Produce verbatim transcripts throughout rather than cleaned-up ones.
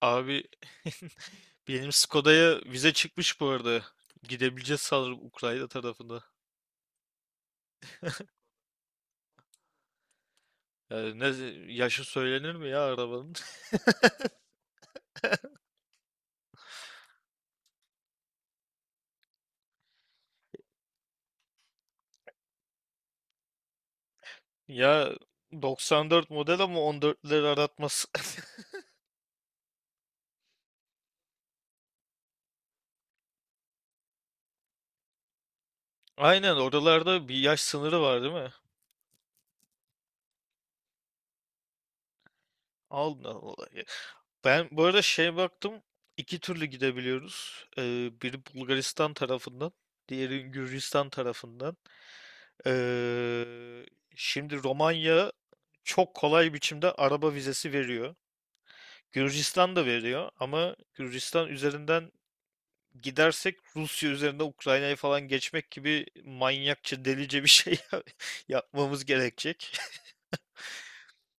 Abi. Benim Skoda'ya vize çıkmış bu arada. Gidebileceğiz sanırım Ukrayna tarafında. Yani ne yaşı söylenir mi ya arabanın? Ya doksan dört model ama on dörtleri aratmaz. Aynen, oralarda bir yaş sınırı var değil mi? Aldın olayı. Ben bu arada şey baktım, iki türlü gidebiliyoruz. Ee, biri Bulgaristan tarafından, diğeri Gürcistan tarafından. Ee, Şimdi Romanya çok kolay biçimde araba vizesi veriyor. Gürcistan da veriyor ama Gürcistan üzerinden gidersek Rusya üzerinde Ukrayna'yı falan geçmek gibi manyakça, delice bir şey yapmamız gerekecek.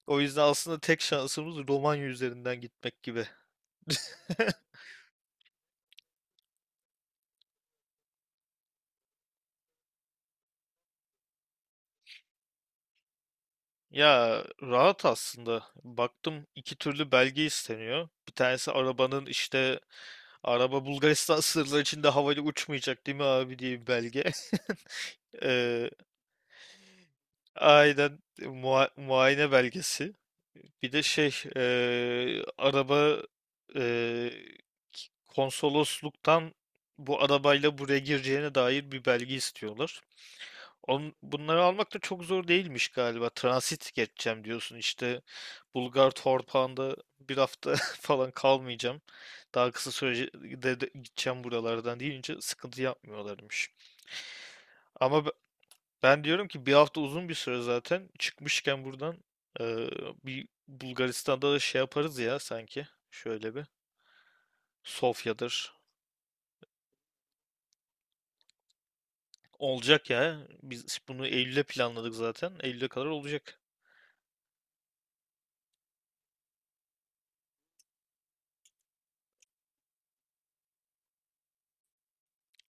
O yüzden aslında tek şansımız Romanya üzerinden gitmek gibi. Ya, rahat aslında. Baktım, iki türlü belge isteniyor. Bir tanesi arabanın işte araba Bulgaristan sınırları içinde havayla uçmayacak değil mi abi diye bir belge. Ee, aynen, mua- muayene belgesi. Bir de şey eee, araba eee, konsolosluktan bu arabayla buraya gireceğine dair bir belge istiyorlar. On, bunları almak da çok zor değilmiş galiba. Transit geçeceğim diyorsun işte, Bulgar Torpağı'nda bir hafta falan kalmayacağım. Daha kısa sürede de gideceğim buralardan deyince sıkıntı yapmıyorlarmış. Ama ben diyorum ki bir hafta uzun bir süre zaten. Çıkmışken buradan eee, bir Bulgaristan'da da şey yaparız ya sanki. Şöyle bir Sofya'dır. Olacak ya. Biz bunu Eylül'e planladık zaten. Eylül'e kadar olacak.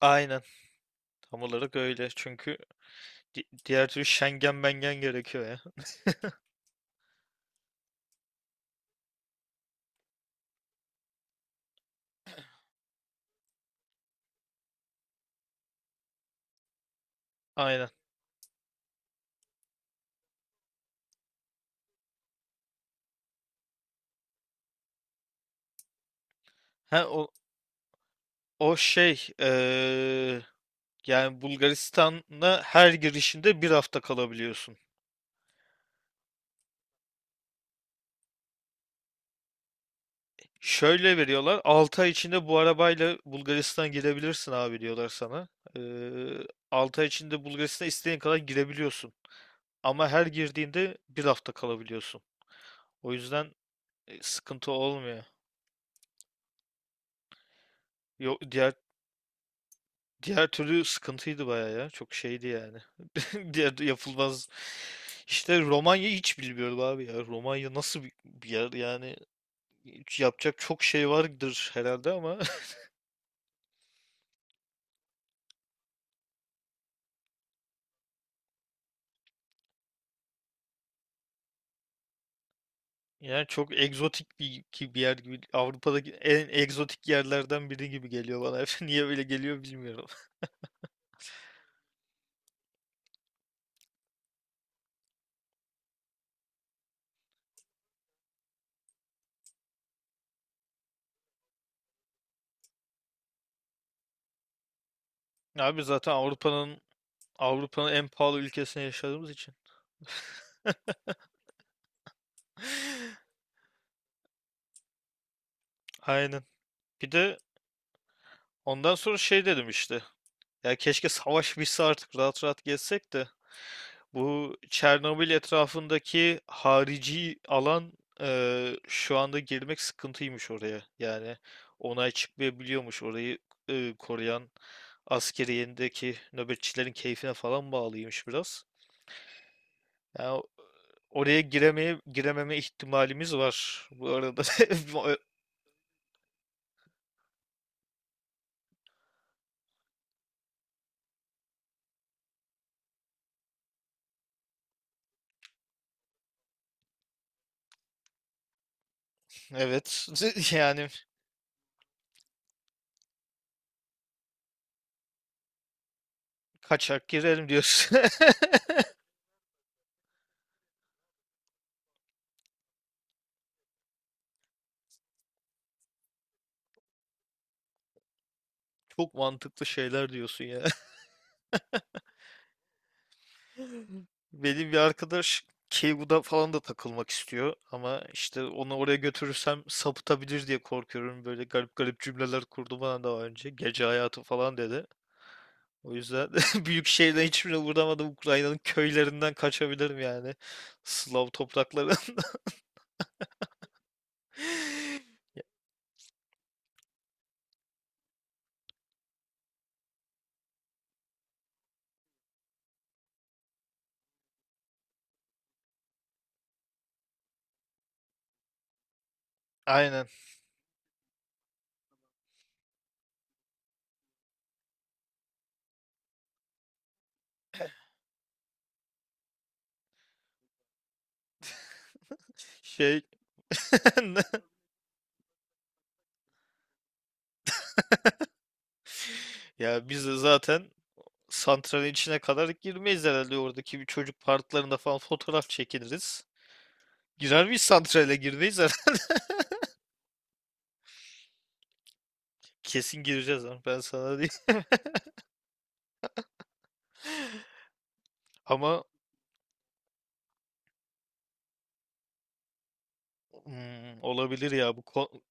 Aynen. Tam olarak öyle. Çünkü di- diğer türlü Schengen mengen gerekiyor ya. Aynen. Ha, o, o şey, eee, yani Bulgaristan'a her girişinde bir hafta kalabiliyorsun. Şöyle veriyorlar: altı ay içinde bu arabayla Bulgaristan girebilirsin abi diyorlar sana. Ee, altı ay içinde Bulgaristan'a istediğin kadar girebiliyorsun. Ama her girdiğinde bir hafta kalabiliyorsun. O yüzden e, sıkıntı olmuyor. Yok, diğer diğer türlü sıkıntıydı bayağı ya. Çok şeydi yani. Diğer yapılmaz. İşte Romanya hiç bilmiyorum abi ya. Romanya nasıl bir bir yer yani, hiç yapacak çok şey vardır herhalde ama. Yani çok egzotik bir ki bir yer gibi, Avrupa'daki en egzotik yerlerden biri gibi geliyor bana. Niye öyle geliyor bilmiyorum. Abi zaten Avrupa'nın Avrupa'nın en pahalı ülkesinde yaşadığımız için. Aynen. Bir de ondan sonra şey dedim işte. Ya keşke savaş bitse artık rahat rahat gezsek de. Bu Çernobil etrafındaki harici alan, eee, şu anda girmek sıkıntıymış oraya. Yani onay çıkmayabiliyormuş, orayı eee, koruyan askeriyendeki nöbetçilerin keyfine falan bağlıymış biraz. Yani oraya giremeye girememe ihtimalimiz var bu arada. Evet, yani kaçak girelim diyorsun. Çok mantıklı şeyler diyorsun ya. Benim bir arkadaş Keigu'da falan da takılmak istiyor ama işte onu oraya götürürsem sapıtabilir diye korkuyorum. Böyle garip garip cümleler kurdu bana daha önce. Gece hayatı falan dedi. O yüzden büyük şehirden hiçbirine uğramadım. Ukrayna'nın köylerinden kaçabilirim yani. Slav topraklarından. Aynen. Şey, ya biz de zaten santralin içine kadar girmeyiz herhalde, oradaki bir çocuk parklarında falan fotoğraf çekiniriz. Girer miyiz, santrale girmeyiz. Kesin gireceğiz ama ben sana değil. Ama hmm, olabilir ya, bu kon-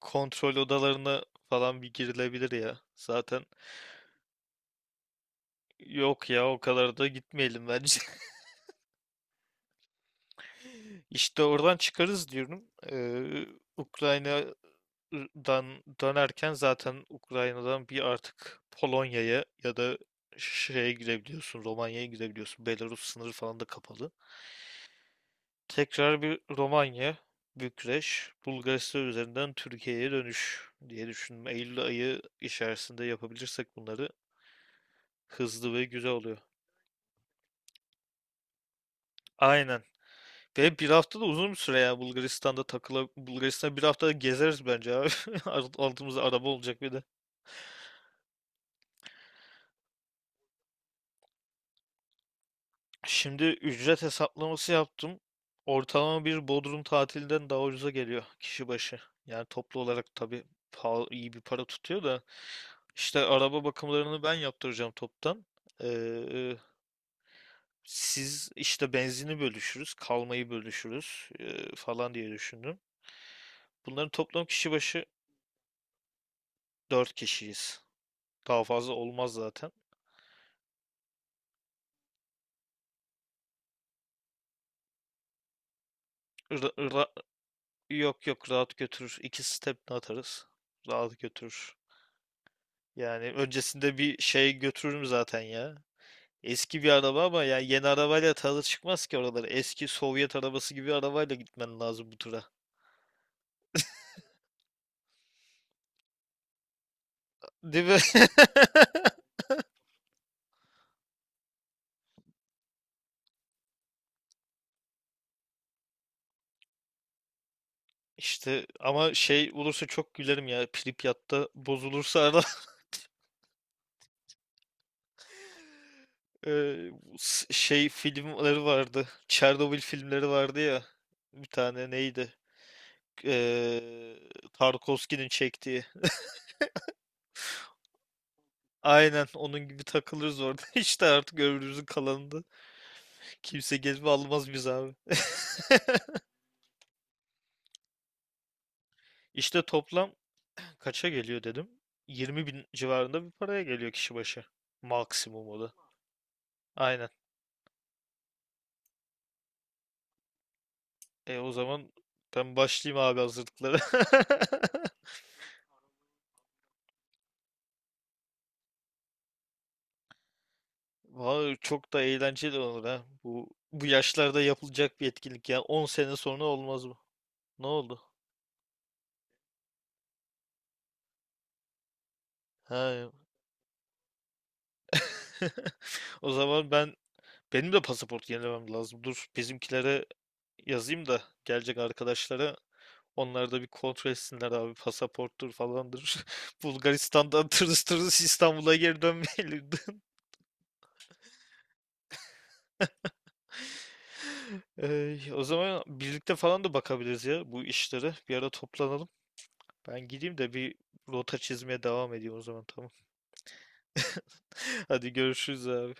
kontrol odalarına falan bir girilebilir ya. Zaten yok ya, o kadar da gitmeyelim bence. İşte oradan çıkarız diyorum. Ee, Ukrayna'dan dönerken zaten Ukrayna'dan bir artık Polonya'ya ya da şeye girebiliyorsun, Romanya'ya girebiliyorsun. Belarus sınırı falan da kapalı. Tekrar bir Romanya, Bükreş, Bulgaristan üzerinden Türkiye'ye dönüş diye düşündüm. Eylül ayı içerisinde yapabilirsek bunları, hızlı ve güzel oluyor. Aynen. Ve bir hafta da uzun bir süre ya, Bulgaristan'da takıla Bulgaristan'da bir hafta gezeriz bence abi. Altımızda araba olacak bir de. Şimdi ücret hesaplaması yaptım. Ortalama bir Bodrum tatilinden daha ucuza geliyor kişi başı. Yani toplu olarak tabii pahalı, iyi bir para tutuyor da. İşte araba bakımlarını ben yaptıracağım toptan. Ee, Siz işte benzini bölüşürüz, kalmayı bölüşürüz e, falan diye düşündüm. Bunların toplam kişi başı dört kişiyiz. Daha fazla olmaz zaten. Ra- ra- Yok yok, rahat götürür. İki step atarız. Rahat götürür. Yani öncesinde bir şey götürürüm zaten ya. Eski bir araba ama yani yeni arabayla tadı çıkmaz ki oraları. Eski Sovyet arabası gibi arabayla gitmen lazım bu tura. Değil mi? İşte ama şey olursa çok gülerim ya. Pripyat'ta bozulursa araba. Eee, s- Şey filmleri vardı. Çernobil filmleri vardı ya. Bir tane neydi? Eee Tarkovski'nin çektiği. Aynen onun gibi takılırız orada. İşte artık ömrümüzün kalanında. Kimse gezme almaz biz abi. İşte toplam kaça geliyor dedim. yirmi bin civarında bir paraya geliyor kişi başı. Maksimum o da. Aynen. E o zaman ben başlayayım abi hazırlıklara. Vallahi çok da eğlenceli olur ha. Bu bu yaşlarda yapılacak bir etkinlik ya. On sene sonra olmaz mı? Ne oldu? Ha. O zaman ben benim de pasaport yenilemem lazım. Dur, bizimkilere yazayım da gelecek arkadaşlara, onlar da bir kontrol etsinler abi, pasaporttur falandır. Bulgaristan'dan tırıs tırıs İstanbul'a geri dönmeyelim. Ey, o zaman birlikte falan da bakabiliriz ya bu işlere. Bir ara toplanalım. Ben gideyim de bir rota çizmeye devam edeyim, o zaman tamam. Hadi görüşürüz abi.